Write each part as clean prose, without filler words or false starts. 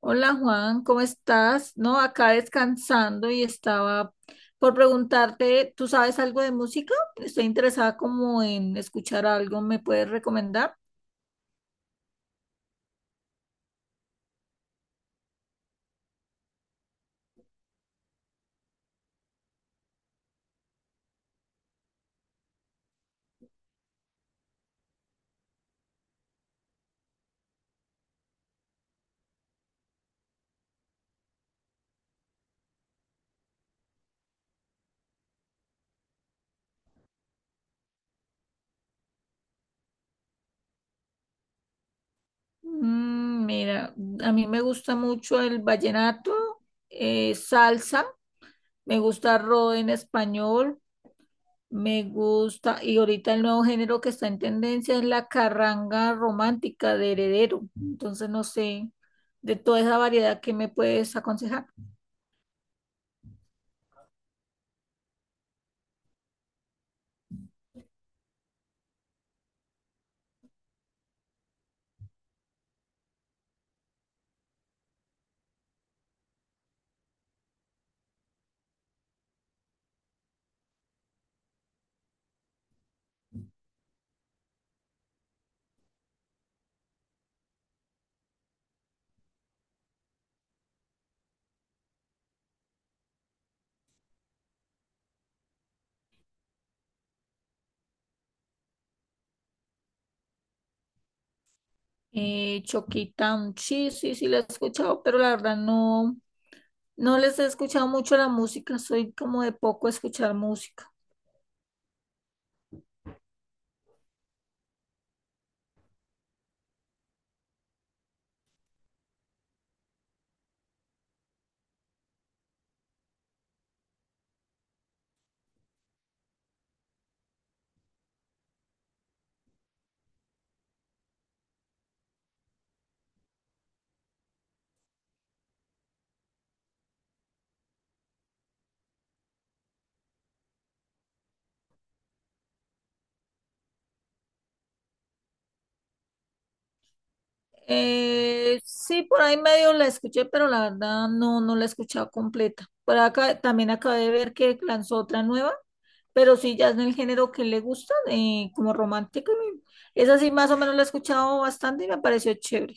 Hola Juan, ¿cómo estás? No, acá descansando y estaba por preguntarte, ¿tú sabes algo de música? Estoy interesada como en escuchar algo, ¿me puedes recomendar? Mm, mira, a mí me gusta mucho el vallenato, salsa, me gusta rock en español, me gusta, y ahorita el nuevo género que está en tendencia es la carranga romántica de Heredero. Entonces, no sé, de toda esa variedad, ¿qué me puedes aconsejar? Chucky Town, sí, sí, sí, la he escuchado, pero la verdad no les he escuchado mucho la música, soy como de poco escuchar música. Sí, por ahí medio la escuché, pero la verdad no la he escuchado completa. Por acá también acabé de ver que lanzó otra nueva, pero sí, ya es del género que le gusta, como romántica. Y esa sí, más o menos la he escuchado bastante y me pareció chévere.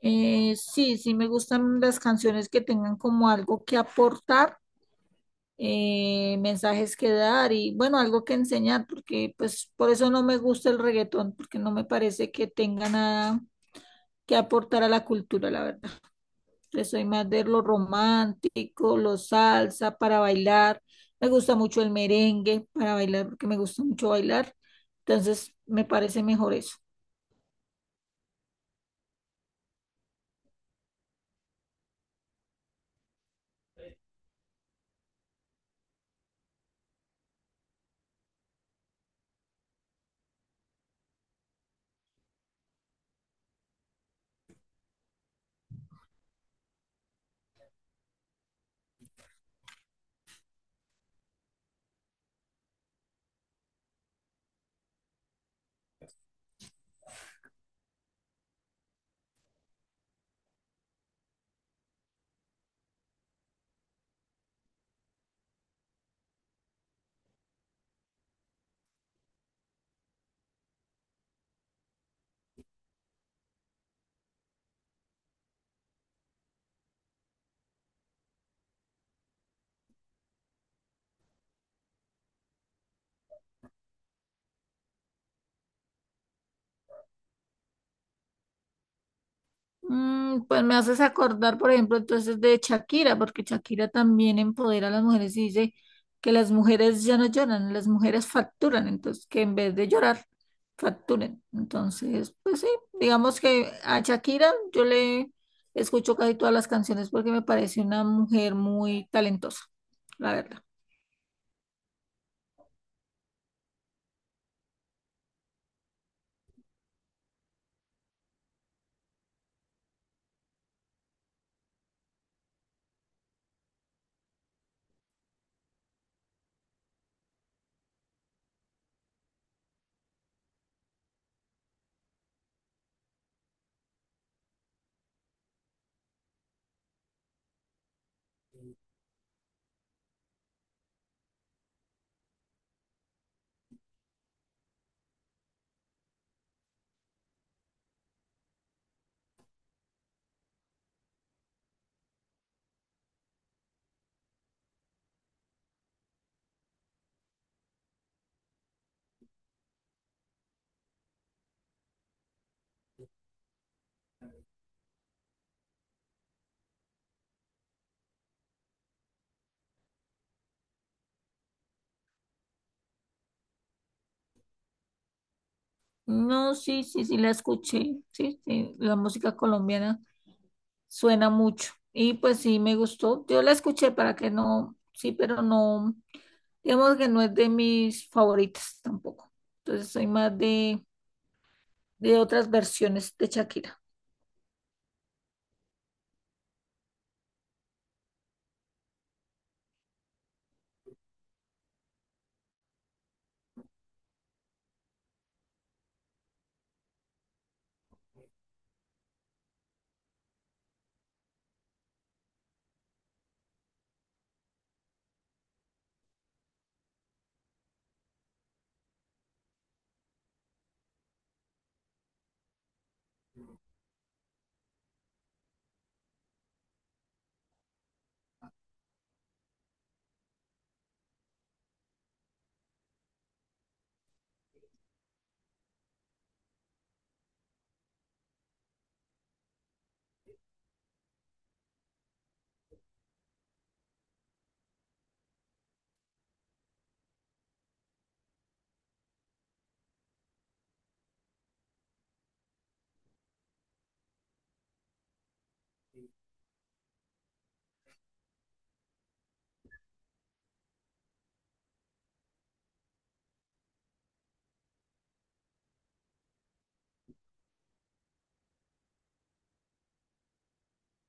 Sí, sí, me gustan las canciones que tengan como algo que aportar, mensajes que dar y bueno, algo que enseñar, porque pues por eso no me gusta el reggaetón, porque no me parece que tenga nada que aportar a la cultura, la verdad. Yo soy más de lo romántico, lo salsa para bailar. Me gusta mucho el merengue para bailar, porque me gusta mucho bailar. Entonces, me parece mejor eso. Mm, pues me haces acordar, por ejemplo, entonces de Shakira, porque Shakira también empodera a las mujeres y dice que las mujeres ya no lloran, las mujeres facturan, entonces que en vez de llorar, facturen. Entonces, pues sí, digamos que a Shakira yo le escucho casi todas las canciones porque me parece una mujer muy talentosa, la verdad. No, sí, sí, sí, la escuché, sí, sí, la música colombiana suena mucho. Y pues sí, me gustó. Yo la escuché para que no, sí, pero no, digamos que no es de mis favoritas tampoco. Entonces soy más de otras versiones de Shakira.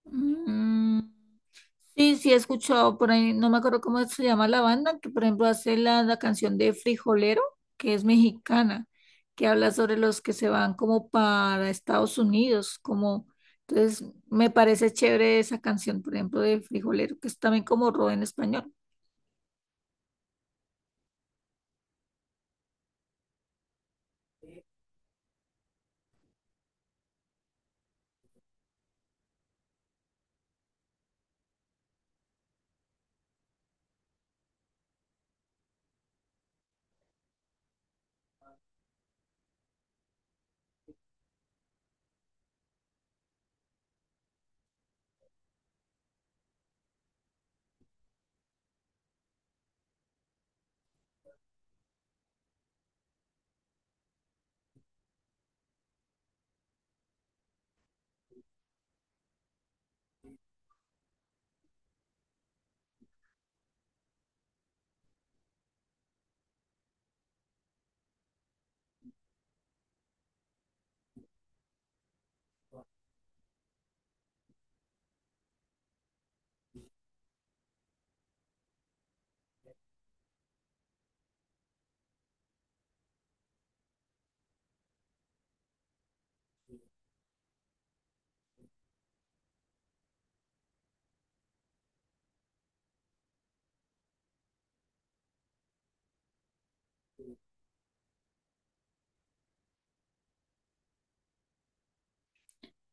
Mm, sí, sí, he escuchado por ahí, no me acuerdo cómo se llama la banda, que por ejemplo hace la canción de Frijolero, que es mexicana, que habla sobre los que se van como para Estados Unidos, como, entonces me parece chévere esa canción, por ejemplo, de Frijolero, que es también como rock en español.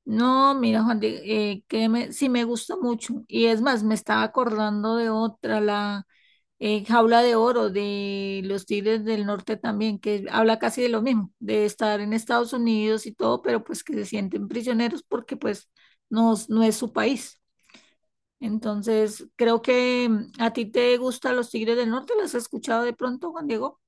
No, mira, Juan, créeme, sí me gusta mucho. Y es más, me estaba acordando de otra, la Jaula de Oro de los Tigres del Norte también, que habla casi de lo mismo, de estar en Estados Unidos y todo, pero pues que se sienten prisioneros porque pues no, no es su país. Entonces, creo que a ti te gustan los Tigres del Norte, ¿las has escuchado de pronto, Juan Diego?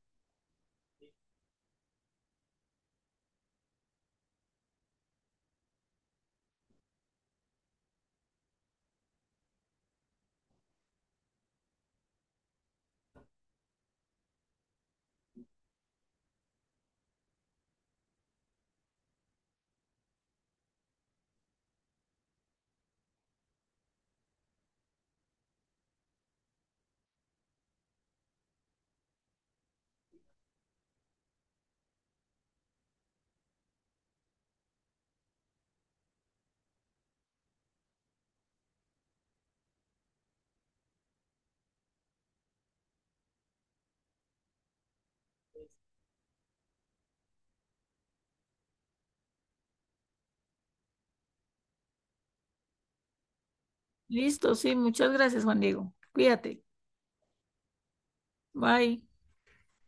Listo, sí, muchas gracias, Juan Diego. Cuídate. Bye.